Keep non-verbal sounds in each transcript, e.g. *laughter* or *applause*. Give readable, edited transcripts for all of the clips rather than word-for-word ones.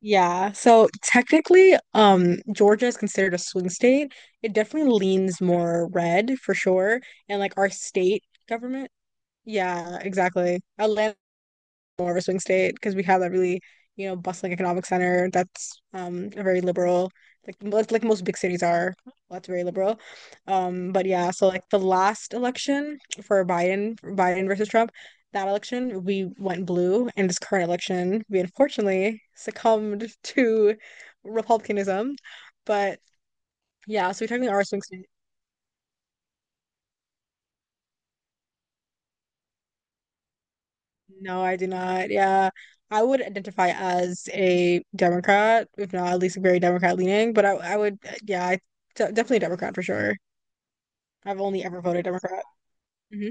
Yeah, so technically, Georgia is considered a swing state. It definitely leans more red for sure. And like our state government, yeah, exactly, more of a swing state because we have that really, you know, bustling economic center that's a very liberal, like most big cities are. That's very liberal. But yeah, so like the last election for Biden versus Trump, that election we went blue, and this current election we unfortunately succumbed *laughs* to republicanism. But yeah, so we technically are a swing state. No, I do not. Yeah. I would identify as a Democrat, if not at least very Democrat leaning, but I would, yeah, I, definitely Democrat for sure. I've only ever voted Democrat. Hmm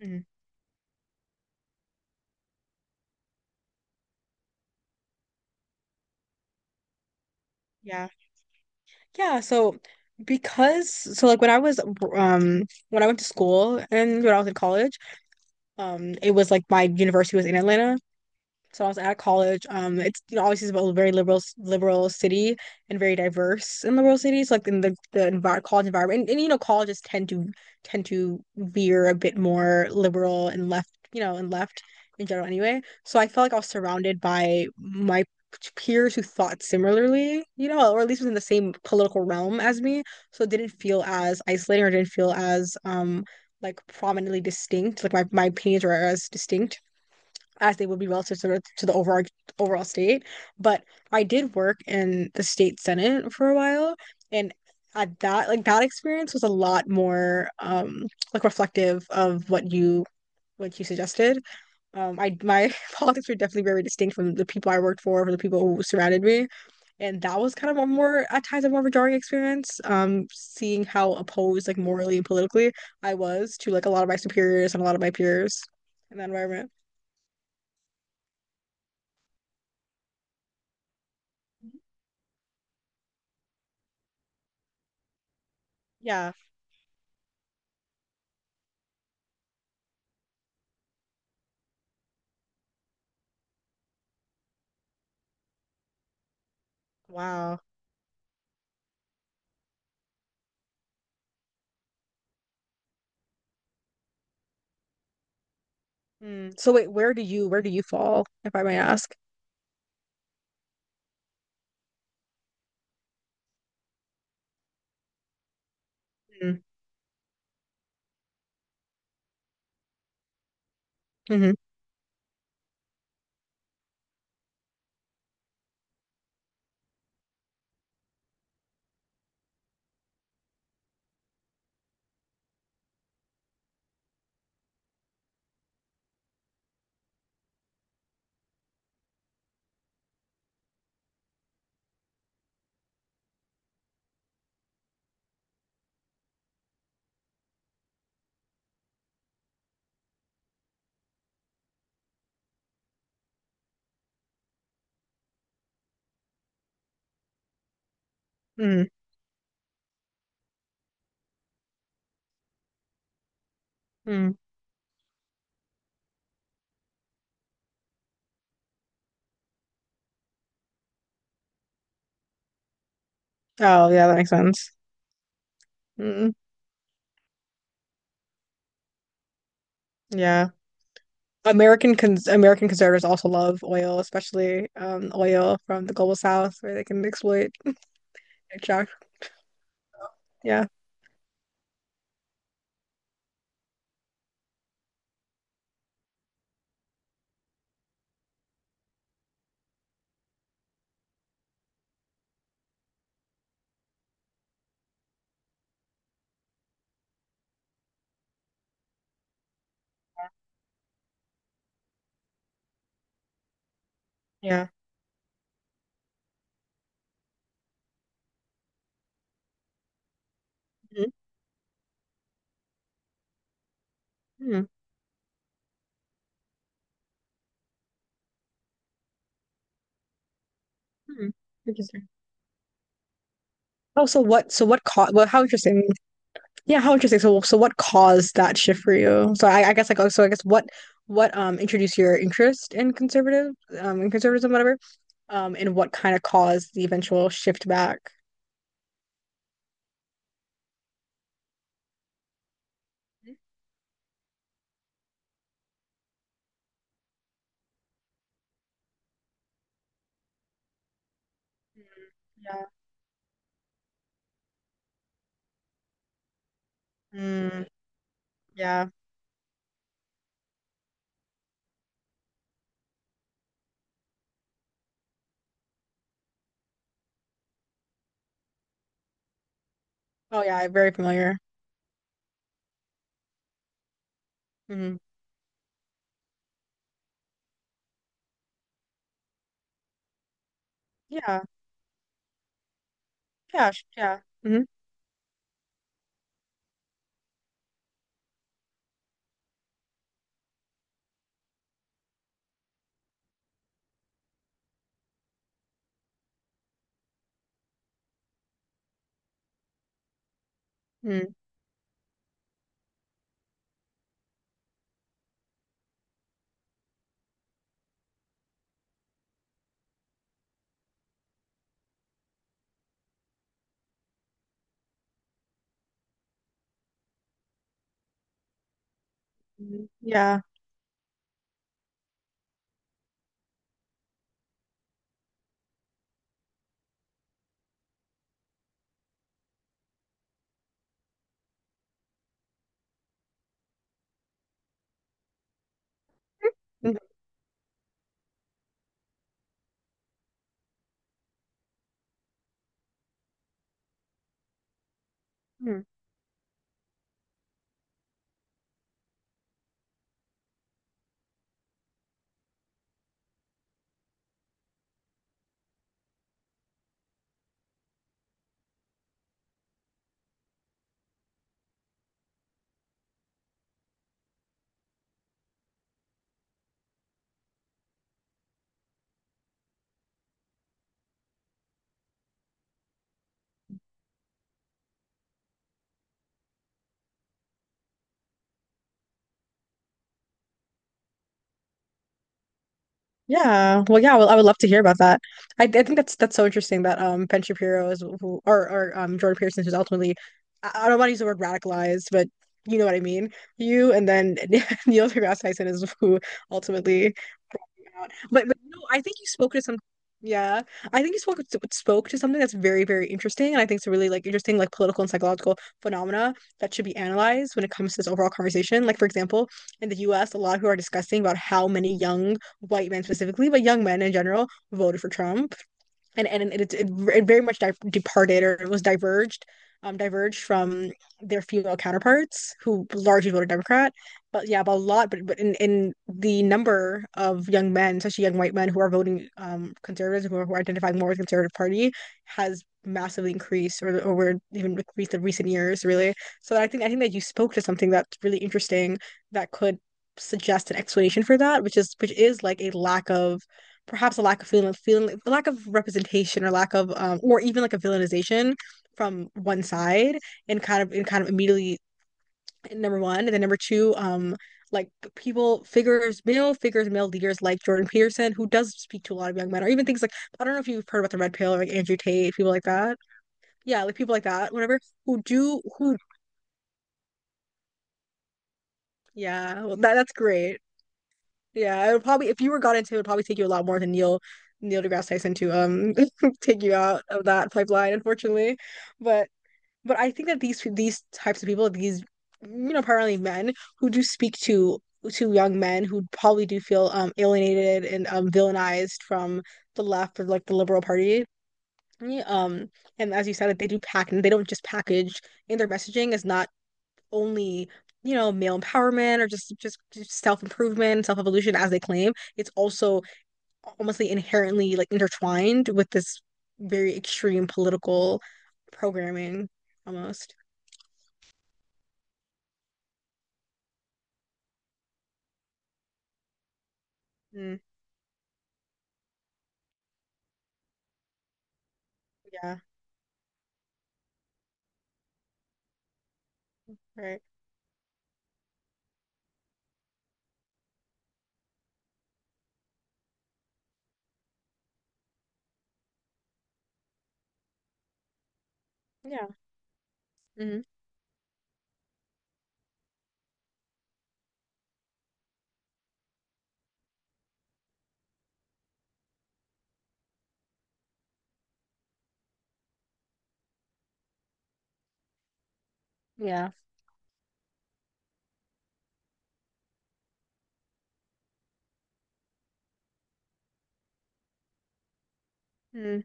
hmm Yeah. Yeah. So because, so like when I was, when I went to school and when I was in college, it was like my university was in Atlanta. So I was at college. It's you know obviously it's a very liberal city and very diverse in liberal cities. Like in the envi college environment, and you know colleges tend to veer a bit more liberal and left, you know, and left in general anyway. So I felt like I was surrounded by my peers who thought similarly, you know, or at least within the same political realm as me. So it didn't feel as isolating or didn't feel as like prominently distinct. Like my opinions were as distinct as they would be relative to to the overall state. But I did work in the state senate for a while, and at that like that experience was a lot more like reflective of what you suggested. I my *laughs* politics were definitely very distinct from the people I worked for, from the people who surrounded me, and that was kind of a more at times a more of a jarring experience. Seeing how opposed like morally and politically I was to like a lot of my superiors and a lot of my peers in that environment. Yeah. Wow. Mm. So wait, where do you fall, if I may ask? Mm. Mm-hmm. Mm. Mm. Oh, yeah, that makes sense. Mm. Yeah. American conservatives also love oil, especially oil from the global south where they can exploit extract. Yeah. Yeah. Mm-hmm. Mm-hmm. Interesting. Oh, so what caused how interesting. Yeah, how interesting. So so what caused that shift for you? So I guess like oh, so I guess what introduced your interest in conservative in conservatism whatever? And what kind of caused the eventual shift back. Mhm. Yeah. Mm, yeah. Oh, yeah. Very familiar. Hmm Yeah. Yeah. Yeah. hmm mm Yeah. Mhm. Mm. Yeah. Well, yeah. Well, I would love to hear about that. I think that's so interesting that Ben Shapiro is who or Jordan Peterson who's ultimately I don't want to use the word radicalized, but you know what I mean. You and then *laughs* Neil deGrasse Tyson is who ultimately out. But no, I think you spoke to some. Yeah, I think you spoke to something that's very, very interesting, and I think it's a really like interesting like political and psychological phenomena that should be analyzed when it comes to this overall conversation. Like for example, in the U.S., a lot of people are discussing about how many young white men specifically, but young men in general, voted for Trump and it very much di departed or it was diverged diverged from their female counterparts who largely voted Democrat but yeah but a lot but in the number of young men, especially young white men, who are voting conservatives, who are identifying more with the conservative party, has massively increased or over even with the recent years really. So I think that you spoke to something that's really interesting that could suggest an explanation for that, which is like a lack of, perhaps a lack of feeling, feeling a lack of representation or lack of or even like a villainization from one side, and kind of immediately number one, and then number two, like people figures, male leaders like Jordan Peterson who does speak to a lot of young men, or even things like I don't know if you've heard about the red pill or like Andrew Tate, people like that, yeah, like people like that, whatever, who do who yeah, well, that that's great. Yeah, it would probably, if you were got into it, would probably take you a lot more than Neil deGrasse Tyson to *laughs* take you out of that pipeline, unfortunately. But but I think that these types of people, these, you know, primarily men who do speak to young men who probably do feel alienated and villainized from the left or like the liberal party. Um, and as you said, they do pack and they don't just package in their messaging is not only you know male empowerment or just self improvement, self evolution as they claim. It's also almost like inherently like intertwined with this very extreme political programming almost. Mm, yeah, right. Yeah. hmm Yeah. Mm,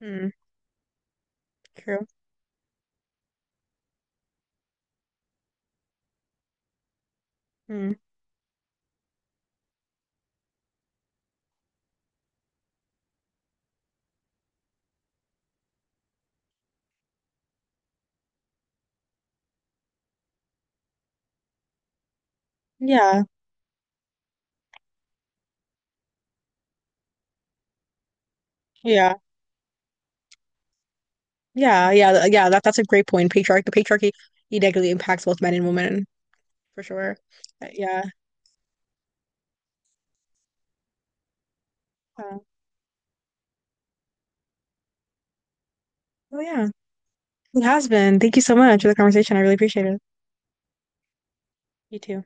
mm, true. Mm. Yeah. Yeah. Yeah, yeah, yeah, that that's a great point. Patriarch, the patriarchy, it negatively impacts both men and women for sure. Yeah. Uh, oh yeah, it has been. Thank you so much for the conversation. I really appreciate it. You too.